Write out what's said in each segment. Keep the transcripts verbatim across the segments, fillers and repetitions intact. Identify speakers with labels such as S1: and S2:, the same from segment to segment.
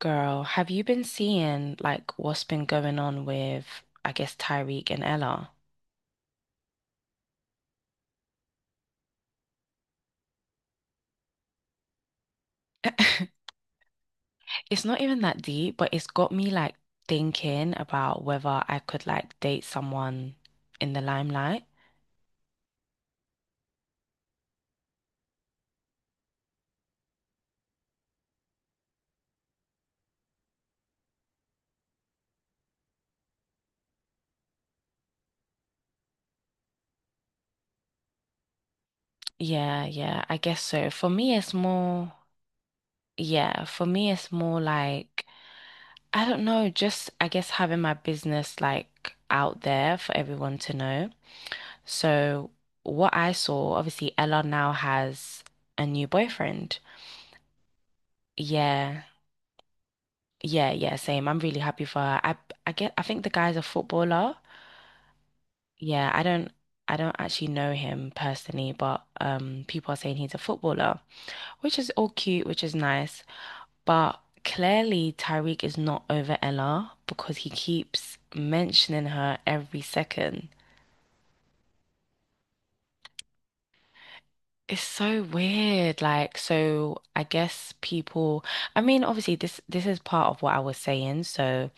S1: Girl, have you been seeing like what's been going on with, I guess, Tyreek and Ella? It's not even that deep, but it's got me like thinking about whether I could like date someone in the limelight. Yeah, yeah, I guess so. For me, it's more, yeah, for me, it's more like, I don't know, just I guess having my business like out there for everyone to know. So, what I saw, obviously, Ella now has a new boyfriend. Yeah, yeah, yeah, same. I'm really happy for her. I I get I think the guy's a footballer. Yeah, I don't I don't actually know him personally, but um people are saying he's a footballer, which is all cute, which is nice. But clearly Tyreek is not over Ella because he keeps mentioning her every second. It's so weird. Like, so I guess people, I mean, obviously this this is part of what I was saying. So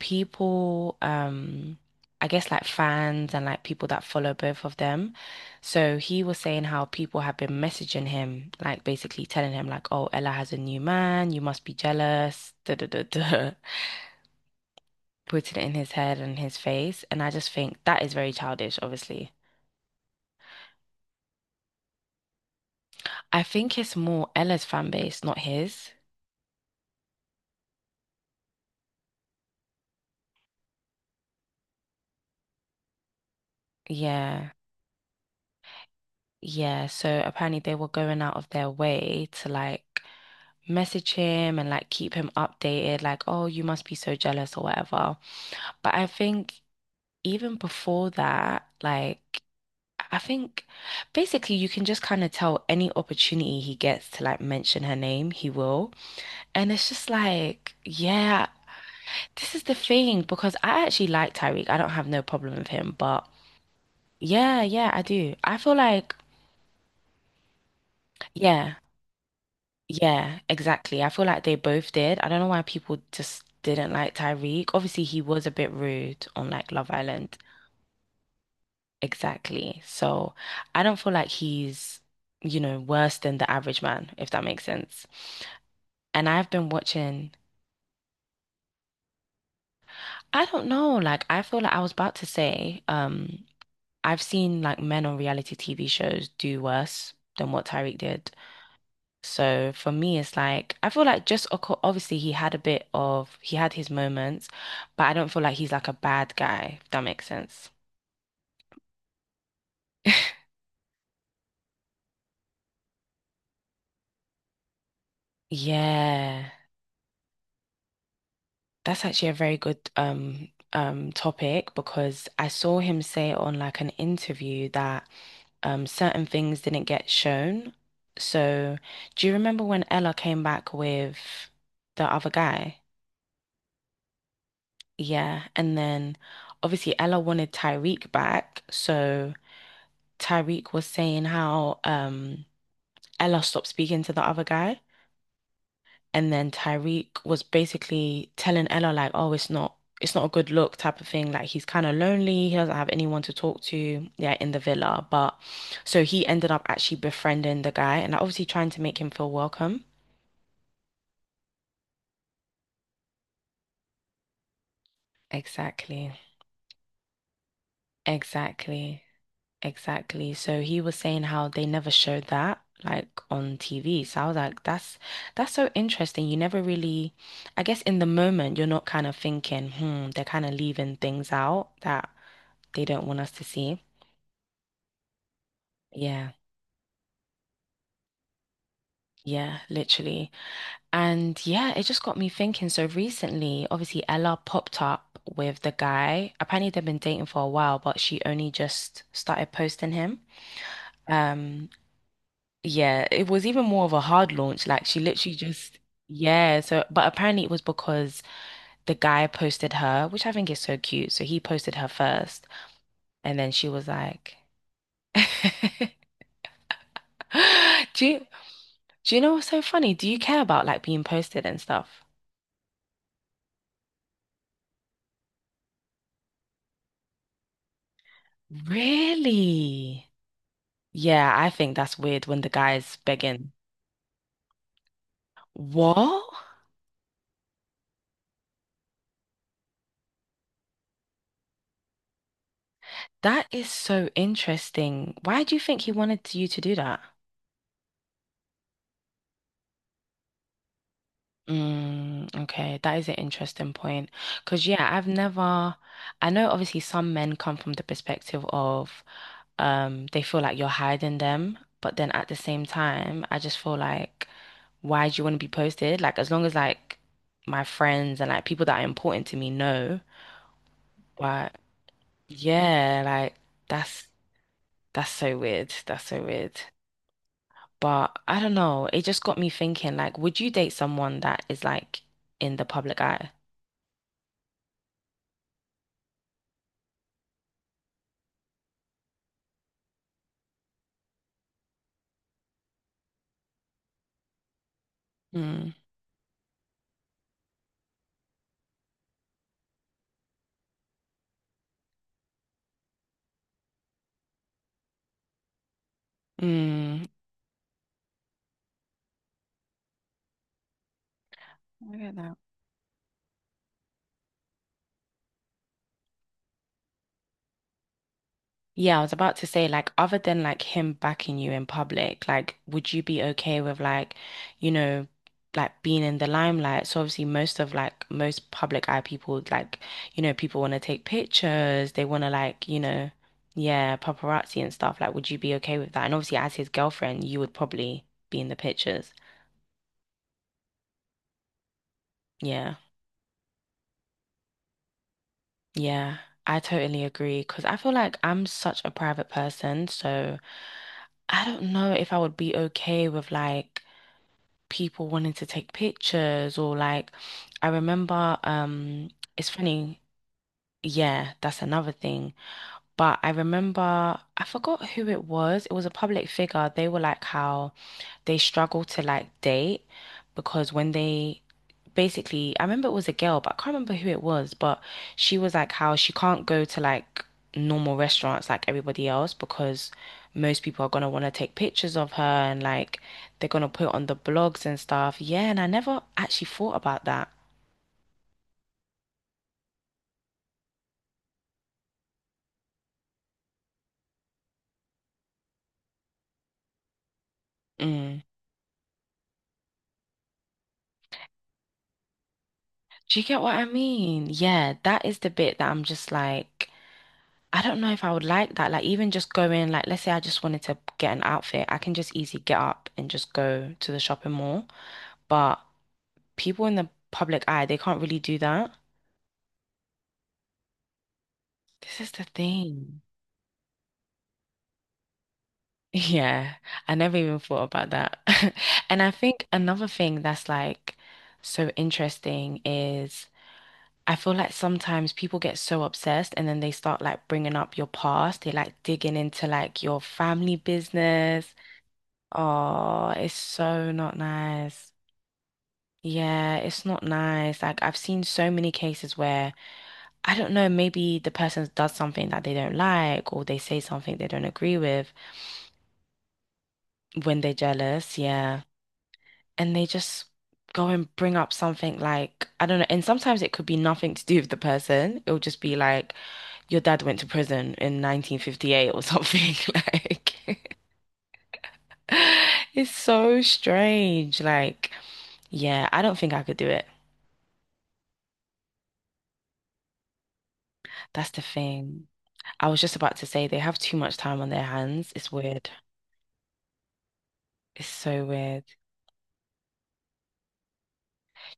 S1: people, um, I guess like fans and like people that follow both of them. So he was saying how people have been messaging him, like basically telling him like, "Oh, Ella has a new man. You must be jealous." Da da da da. Putting it in his head and his face, and I just think that is very childish, obviously. I think it's more Ella's fan base, not his. Yeah. Yeah, so apparently they were going out of their way to like message him and like keep him updated, like, oh, you must be so jealous or whatever. But I think even before that, like, I think basically you can just kind of tell any opportunity he gets to like mention her name, he will. And it's just like, yeah, this is the thing because I actually like Tyreek. I don't have no problem with him, but yeah, yeah, I do. I feel like, yeah. Yeah, exactly. I feel like they both did. I don't know why people just didn't like Tyreek. Obviously, he was a bit rude on like Love Island. Exactly. So I don't feel like he's, you know, worse than the average man, if that makes sense. And I've been watching, I don't know, like I feel like I was about to say, um, I've seen like men on reality T V shows do worse than what Tyreek did. So for me, it's like I feel like just Oko- obviously he had a bit of he had his moments, but I don't feel like he's like a bad guy, if that makes sense. Yeah, that's actually a very good um um topic because I saw him say on like an interview that um certain things didn't get shown. So do you remember when Ella came back with the other guy? Yeah, and then obviously Ella wanted Tyreek back, so. Tyreek was saying how um Ella stopped speaking to the other guy and then Tyreek was basically telling Ella like, oh, it's not it's not a good look type of thing. Like he's kind of lonely, he doesn't have anyone to talk to, yeah, in the villa. But so he ended up actually befriending the guy and obviously trying to make him feel welcome. Exactly. Exactly. Exactly. So he was saying how they never showed that like on T V. So I was like, that's that's so interesting. You never really, I guess in the moment you're not kind of thinking, hmm, they're kind of leaving things out that they don't want us to see. Yeah. Yeah, literally. And yeah, it just got me thinking. So recently, obviously Ella popped up with the guy. Apparently they've been dating for a while, but she only just started posting him. Um, Yeah, it was even more of a hard launch. Like she literally just, yeah. So, but apparently it was because the guy posted her, which I think is so cute. So he posted her first, and then she was like, "Do you, do you know what's so funny? Do you care about like being posted and stuff?" Really? Yeah, I think that's weird when the guy's begging. What? That is so interesting. Why do you think he wanted you to do that? Mm, okay, that is an interesting point. Because, yeah, I've never, I know obviously some men come from the perspective of um, they feel like you're hiding them, but then at the same time, I just feel like, why do you want to be posted? Like, as long as like my friends and like people that are important to me know, but yeah, like that's that's so weird. That's so weird. But I don't know, it just got me thinking, like, would you date someone that is like in the public eye? Mm, I get that. Yeah, I was about to say, like, other than like him backing you in public, like, would you be okay with like, you know, like being in the limelight? So obviously, most of like most public eye people, like, you know, people want to take pictures, they want to like, you know, yeah, paparazzi and stuff. Like, would you be okay with that? And obviously, as his girlfriend, you would probably be in the pictures. Yeah, yeah, I totally agree because I feel like I'm such a private person, so. I don't know if I would be okay with like people wanting to take pictures or like I remember um it's funny, yeah, that's another thing. But I remember, I forgot who it was. It was a public figure. They were like how they struggle to like date because when they basically, I remember it was a girl, but I can't remember who it was. But she was like how she can't go to like normal restaurants like everybody else because most people are gonna want to take pictures of her and like they're gonna put on the blogs and stuff. Yeah, and I never actually thought about that. Mm. Do you get what I mean? Yeah, that is the bit that I'm just like. I don't know if I would like that. Like even just going, like let's say I just wanted to get an outfit, I can just easily get up and just go to the shopping mall. But people in the public eye, they can't really do that. This is the thing. Yeah, I never even thought about that. And I think another thing that's like so interesting is I feel like sometimes people get so obsessed and then they start like bringing up your past. They like digging into like your family business. Oh, it's so not nice. Yeah, it's not nice. Like I've seen so many cases where I don't know, maybe the person does something that they don't like or they say something they don't agree with when they're jealous, yeah. And they just go and bring up something like I don't know, and sometimes it could be nothing to do with the person. It'll just be like your dad went to prison in nineteen fifty-eight or something like It's so strange. Like, yeah, I don't think I could do it. That's the thing. I was just about to say they have too much time on their hands. It's weird. It's so weird.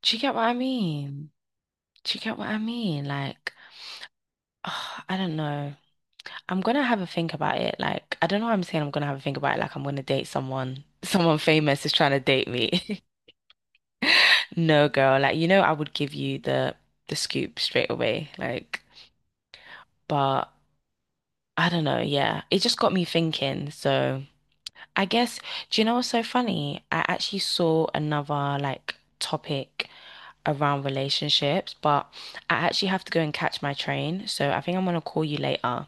S1: Do you get what I mean? Do you get what I mean? Like, ah, I don't know. I'm gonna have a think about it. Like, I don't know why I'm saying I'm gonna have a think about it. Like, I'm gonna date someone. Someone famous is trying to date me. No, girl. Like, you know, I would give you the the scoop straight away. Like, but I don't know. Yeah, it just got me thinking. So. I guess, do you know what's so funny? I actually saw another like topic around relationships, but I actually have to go and catch my train. So I think I'm gonna call you later.